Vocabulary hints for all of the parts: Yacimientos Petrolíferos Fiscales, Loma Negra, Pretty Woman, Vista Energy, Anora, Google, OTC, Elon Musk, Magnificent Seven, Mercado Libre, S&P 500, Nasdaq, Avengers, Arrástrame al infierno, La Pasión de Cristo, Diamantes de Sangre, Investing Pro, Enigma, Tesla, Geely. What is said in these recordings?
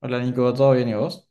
Hola Nico, ¿todo bien y vos?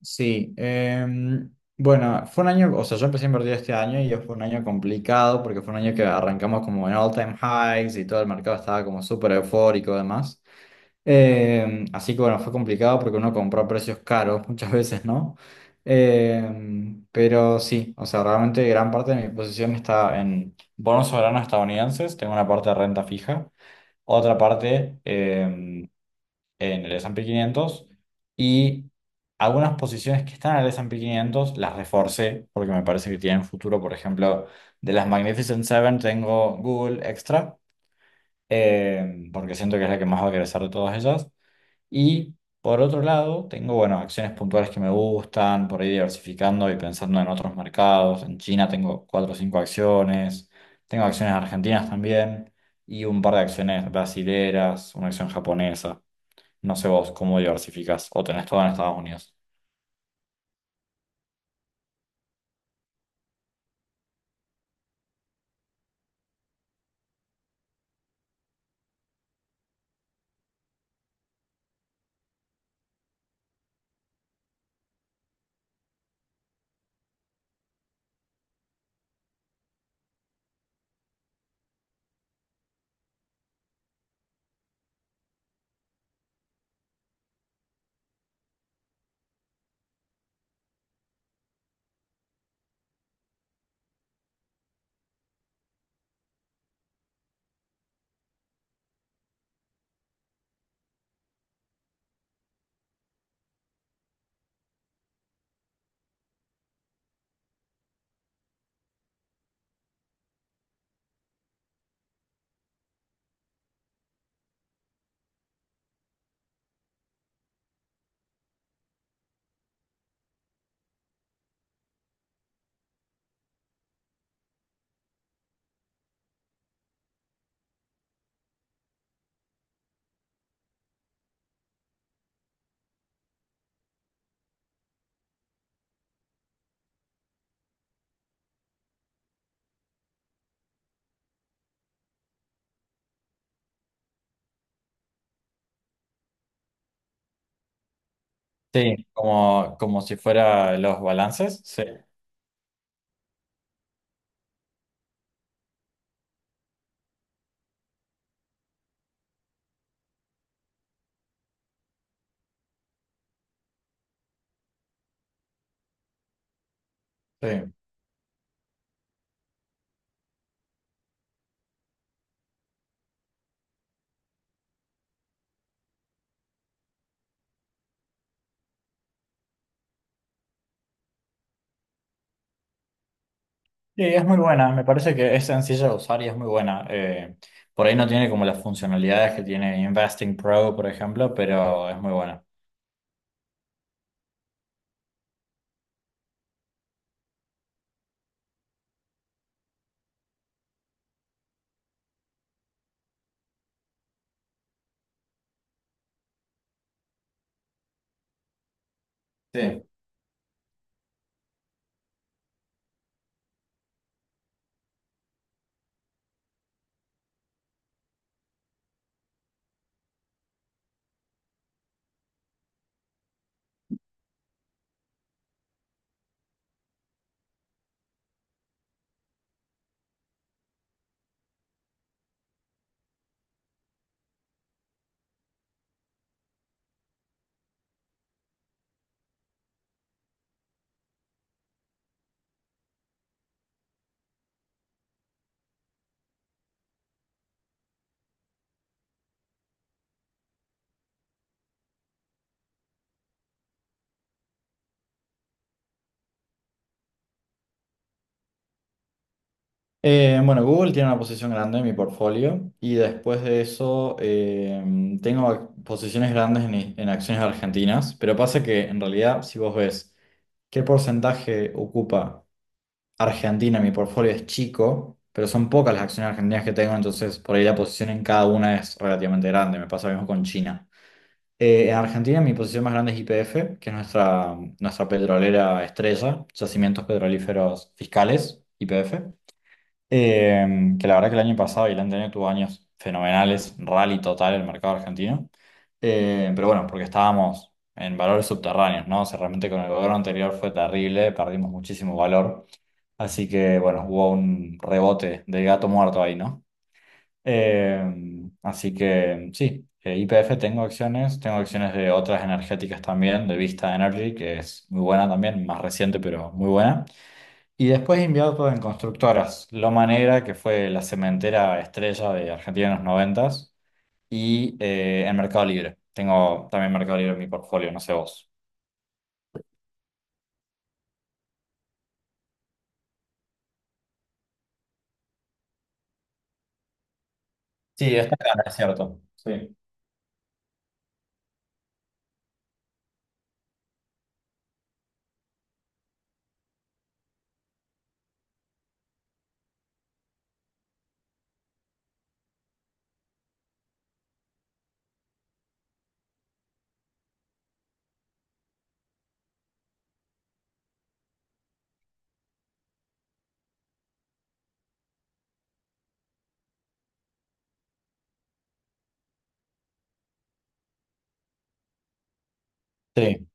Sí, bueno, fue un año, o sea, yo empecé a invertir este año y fue un año complicado porque fue un año que arrancamos como en all time highs y todo el mercado estaba como súper eufórico además. Así que bueno, fue complicado porque uno compró a precios caros muchas veces, ¿no? Pero sí, o sea, realmente gran parte de mi posición está en bonos soberanos estadounidenses, tengo una parte de renta fija, otra parte en el S&P 500 y algunas posiciones que están en el S&P quinientos las reforcé porque me parece que tienen futuro. Por ejemplo, de las Magnificent Seven tengo Google Extra porque siento que es la que más va a crecer de todas ellas. Y por otro lado, tengo, bueno, acciones puntuales que me gustan, por ahí diversificando y pensando en otros mercados. En China tengo cuatro o cinco acciones, tengo acciones argentinas también. Y un par de acciones brasileras, una acción japonesa. No sé vos cómo diversificás o tenés todo en Estados Unidos. Sí, como, como si fuera los balances. Sí, sí. Sí, es muy buena. Me parece que es sencilla de usar y es muy buena. Por ahí no tiene como las funcionalidades que tiene Investing Pro, por ejemplo, pero es muy buena. Sí. Bueno, Google tiene una posición grande en mi portfolio y después de eso tengo posiciones grandes en, en acciones argentinas, pero pasa que en realidad si vos ves qué porcentaje ocupa Argentina, mi portfolio es chico, pero son pocas las acciones argentinas que tengo, entonces por ahí la posición en cada una es relativamente grande. Me pasa lo mismo con China. En Argentina mi posición más grande es YPF, que es nuestra petrolera estrella, Yacimientos Petrolíferos Fiscales, YPF, eh, que la verdad que el año pasado y el anterior tuvo años fenomenales, rally total el mercado argentino. Pero bueno, porque estábamos en valores subterráneos, ¿no? O sea, realmente con el gobierno anterior fue terrible, perdimos muchísimo valor. Así que bueno, hubo un rebote de gato muerto ahí, ¿no? Eh, Así que sí, IPF tengo acciones de otras energéticas también, de Vista Energy, que es muy buena también, más reciente, pero muy buena. Y después invierto en constructoras, Loma Negra, que fue la cementera estrella de Argentina en los 90, y en Mercado Libre. Tengo también Mercado Libre en mi portfolio, no sé vos. Sí, está acá, es cierto. Sí. Sí,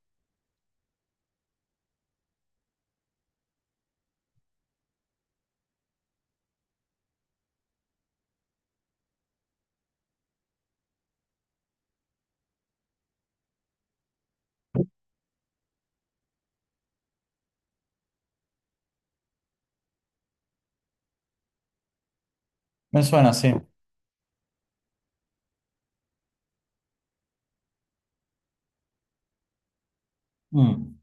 me suena, sí. Mm,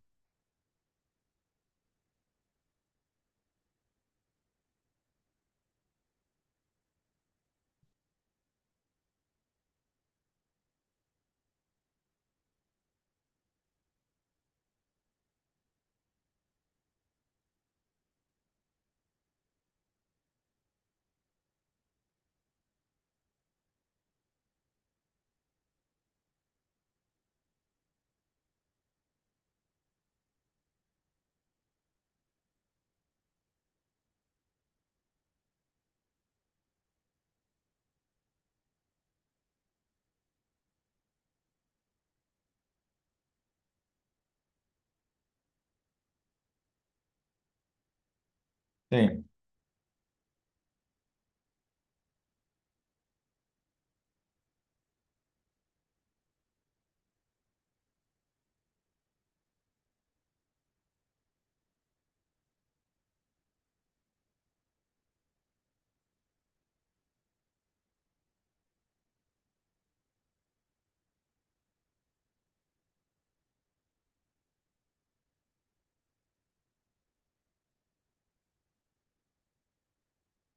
sí.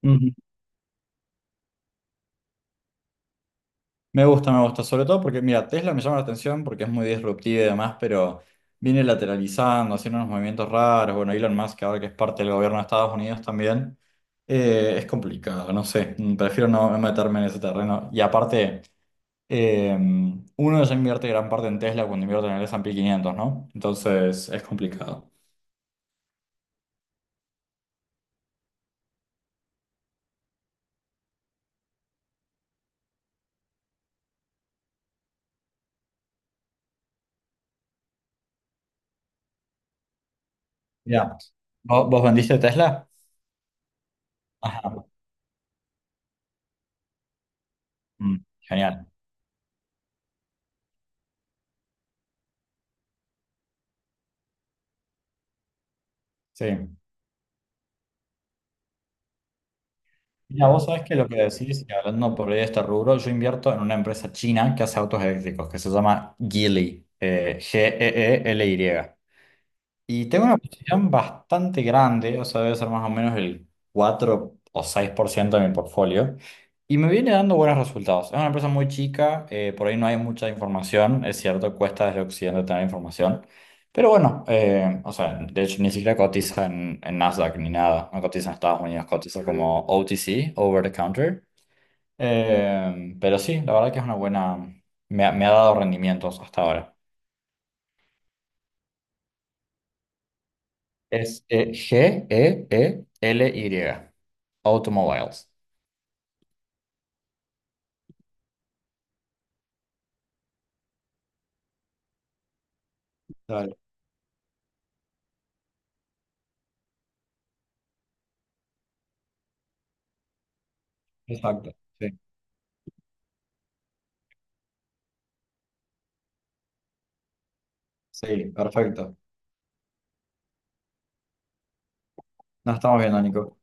Ujú. Me gusta, sobre todo porque, mira, Tesla me llama la atención porque es muy disruptiva y demás, pero viene lateralizando, haciendo unos movimientos raros. Bueno, Elon Musk, ahora que es parte del gobierno de Estados Unidos también, es complicado, no sé, mm, prefiero no no meterme en ese terreno. Y aparte, eh, uno ya invierte gran parte en Tesla cuando invierte en el S&P 500, ¿no? Entonces es complicado. Ya, ¿Vos vendiste Tesla? Ajá, mm, genial, sí. Mira, vos sabés que lo que decís, y hablando por ahí de este rubro, yo invierto en una empresa china que hace autos eléctricos, que se llama Geely, Geely. Y tengo una posición bastante grande, o sea, debe ser más o menos el 4 o 6% de mi portfolio. Y me viene dando buenos resultados. Es una empresa muy chica, por ahí no hay mucha información, es cierto, cuesta desde Occidente tener información. Pero bueno, o sea, de hecho ni siquiera cotiza en, Nasdaq ni nada, no cotiza en Estados Unidos, cotiza como OTC, Over the Counter. Pero sí, la verdad que es una buena, me ha dado rendimientos hasta ahora. Es Geely. Automobiles. Dale, exacto. Sí, sí, perfecto. Nos estamos viendo, Nico.